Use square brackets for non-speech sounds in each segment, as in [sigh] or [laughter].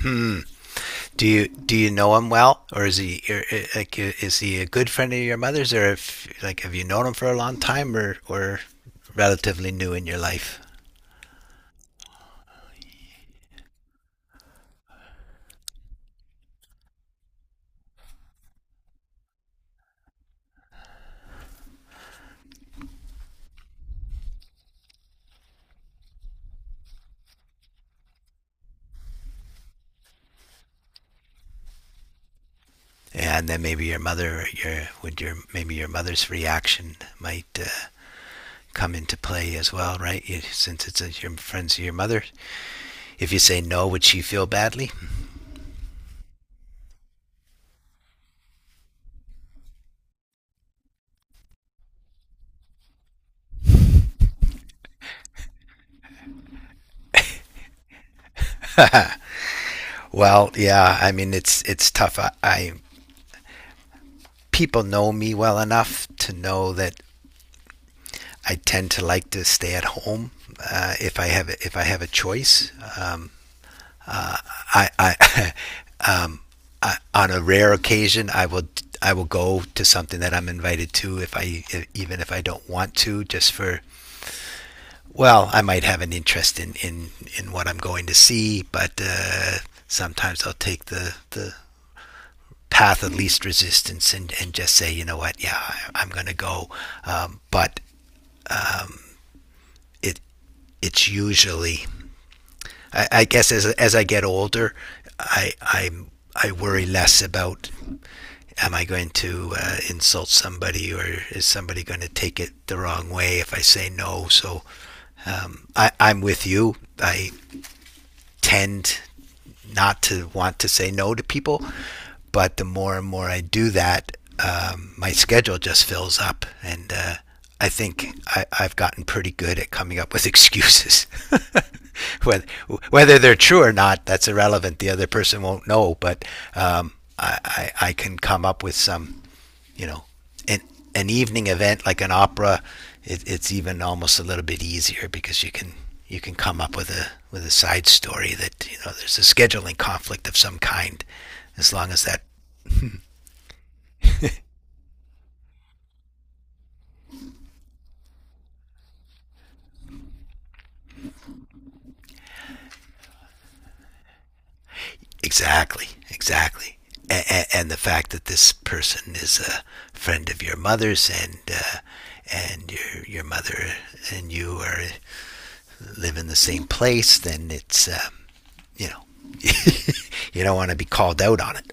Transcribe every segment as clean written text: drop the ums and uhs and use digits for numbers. Mm. Do you know him well, or is he or, like is he a good friend of your mother's, or if like have you known him for a long time, or relatively new in your life? And then maybe your mother, your would your maybe your mother's reaction might come into play as well, right? You, since it's a, your friends of your mother, if you say no, would she feel badly? Well, yeah. I mean, it's tough. I people know me well enough to know that I tend to like to stay at home if I have a choice. I, [laughs] um, I on a rare occasion I will go to something that I'm invited to if I if, even if I don't want to just for well I might have an interest in what I'm going to see but sometimes I'll take the path of least resistance and just say you know what, yeah, I, I'm gonna go, but it it's usually I guess as I get older, I I I worry less about am I going to insult somebody or is somebody going to take it the wrong way if I say no. So I'm with you. I tend not to want to say no to people, but the more and more I do that, my schedule just fills up, and I think I've gotten pretty good at coming up with excuses. [laughs] whether, whether they're true or not, that's irrelevant. The other person won't know, but um, I can come up with some you know, an, an evening event like an opera, it's even almost a little bit easier because you can come up with a side story that you know there's a scheduling conflict of some kind, as long as that exactly, exactly. A- and the fact that this person is a friend of your mother's and your mother and you are live in the same place, then it's you know you don't want to be called out on it.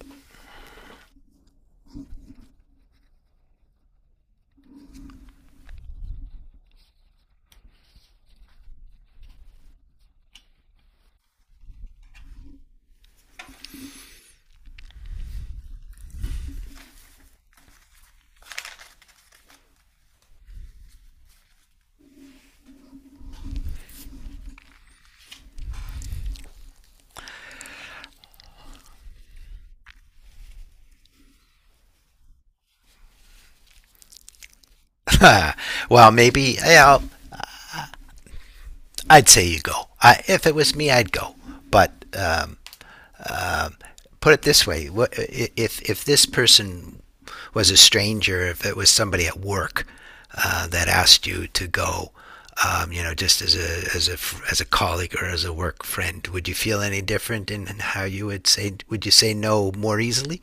Well, maybe yeah, I'd say you go. I, if it was me, I'd go. But put it this way: if this person was a stranger, if it was somebody at work that asked you to go, you know, just as a as a as a colleague or as a work friend, would you feel any different in how you would say? Would you say no more easily?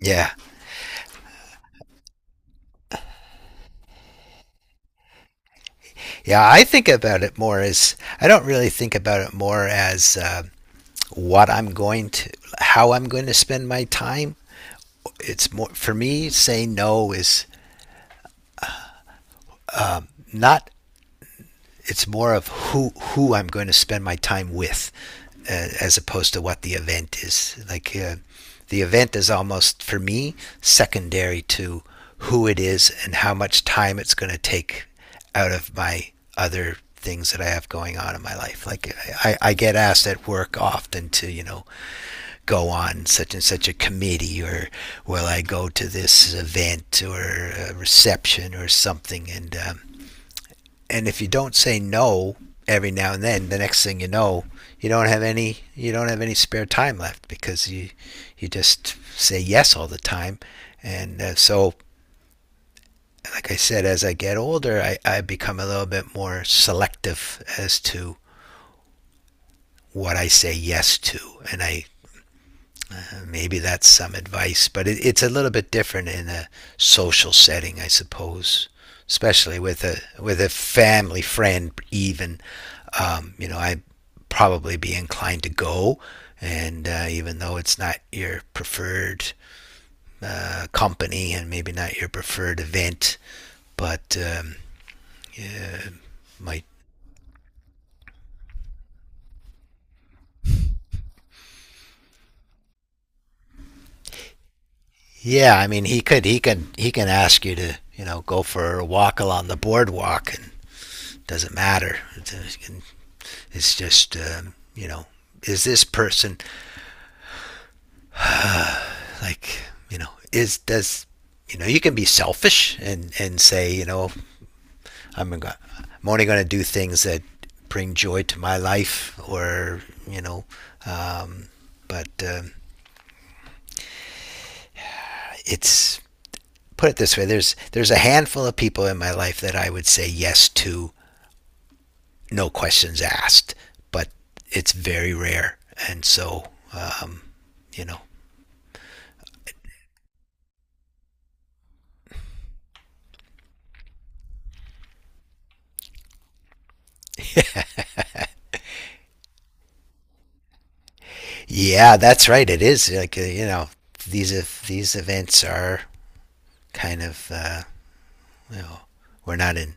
Yeah, yeah. I think about it more as I don't really think about it more as what I'm going to, how I'm going to spend my time, it's more for me saying no is not, it's more of who I'm going to spend my time with, as opposed to what the event is. Like the event is almost for me secondary to who it is and how much time it's going to take out of my other things that I have going on in my life. Like I get asked at work often to you know go on such and such a committee or will I go to this event or a reception or something and if you don't say no every now and then, the next thing you know, you don't have any you don't have any spare time left because you just say yes all the time, and so like I said, as I get older, I become a little bit more selective as to what I say yes to, and I maybe that's some advice, but it's a little bit different in a social setting, I suppose, especially with a family friend. Even, you know, I probably be inclined to go, and even though it's not your preferred company and maybe not your preferred event, but might. Yeah, I mean, he can ask you to, you know, go for a walk along the boardwalk, and doesn't matter. It's, you can, it's just, you know, is this person like, you know, you know, you can be selfish and say, you know, I'm I'm only going to do things that bring joy to my life, or you know, um, but it's, put it this way: there's a handful of people in my life that I would say yes to, no questions asked, but it's very rare, and so uh, you know, yeah, that's right. It is like you know these these events are kind of you know we're not in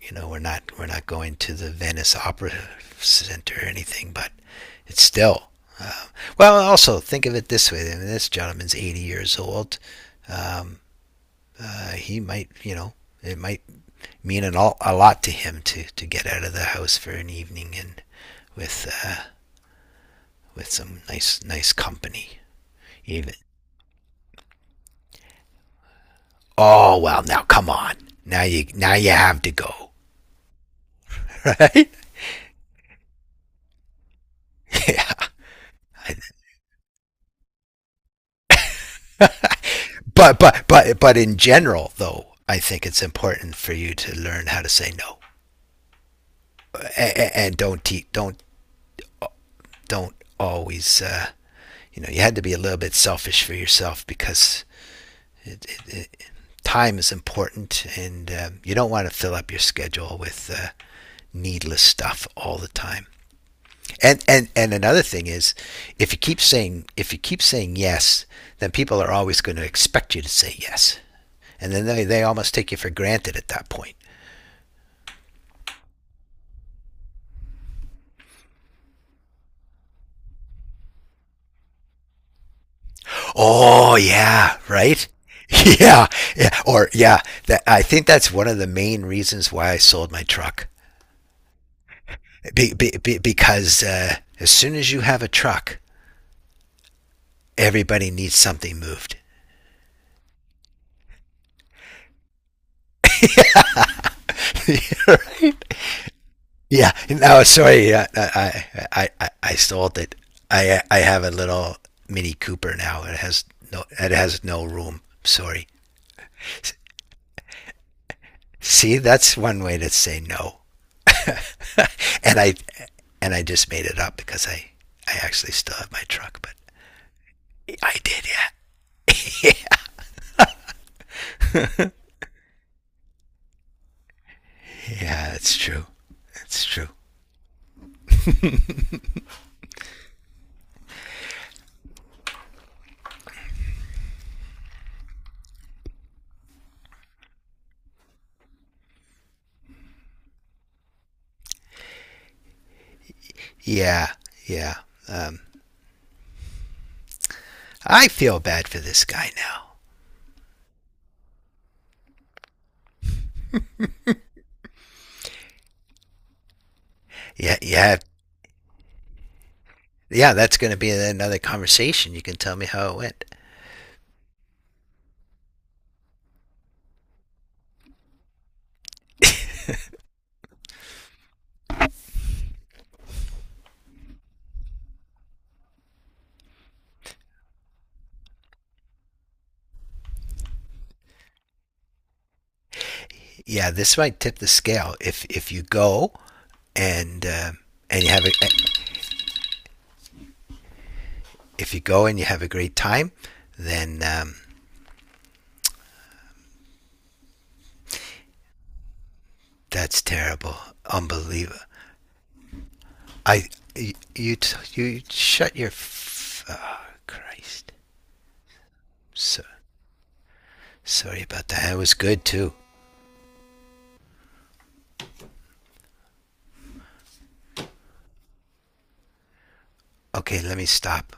you know we're not going to the Venice Opera Center or anything, but it's still. Uh, well, also think of it this way: I mean, this gentleman's 80 years old. He might, you know, it might mean a lot to him to get out of the house for an evening and with uh, with some nice nice company, even. Oh well, now come on. Now you have to go. But in general, though, I think it's important for you to learn how to say no, and, don't always. You know, you had to be a little bit selfish for yourself because it, time is important, and you don't want to fill up your schedule with needless stuff all the time. And another thing is, if you keep saying yes, then people are always going to expect you to say yes, and then they almost take you for granted at that point. Oh yeah, right. [laughs] Yeah, yeah, or yeah. That, I think that's one of the main reasons why I sold my truck, because as soon as you have a truck, everybody needs something moved. [laughs] You know. Yeah. No, sorry. Yeah, I stole it. I have a little Mini Cooper now. It has no it has no room. Sorry. See, that's one way to say no. And I and I just made it up because I actually still have my truck, but I did. Yeah. [laughs] Yeah, that's true. That's true. Yeah. Yeah. I feel bad for this guy now. Yeah. Yeah. Yeah, that's going to be another conversation. You can tell me how it went. Yeah, this might tip the scale. If you go and uh, and you have a, if you go and you have a great time, then that's terrible, unbelievable. I you you, oh, Christ. So sorry about that. That was good too. Okay, let me stop.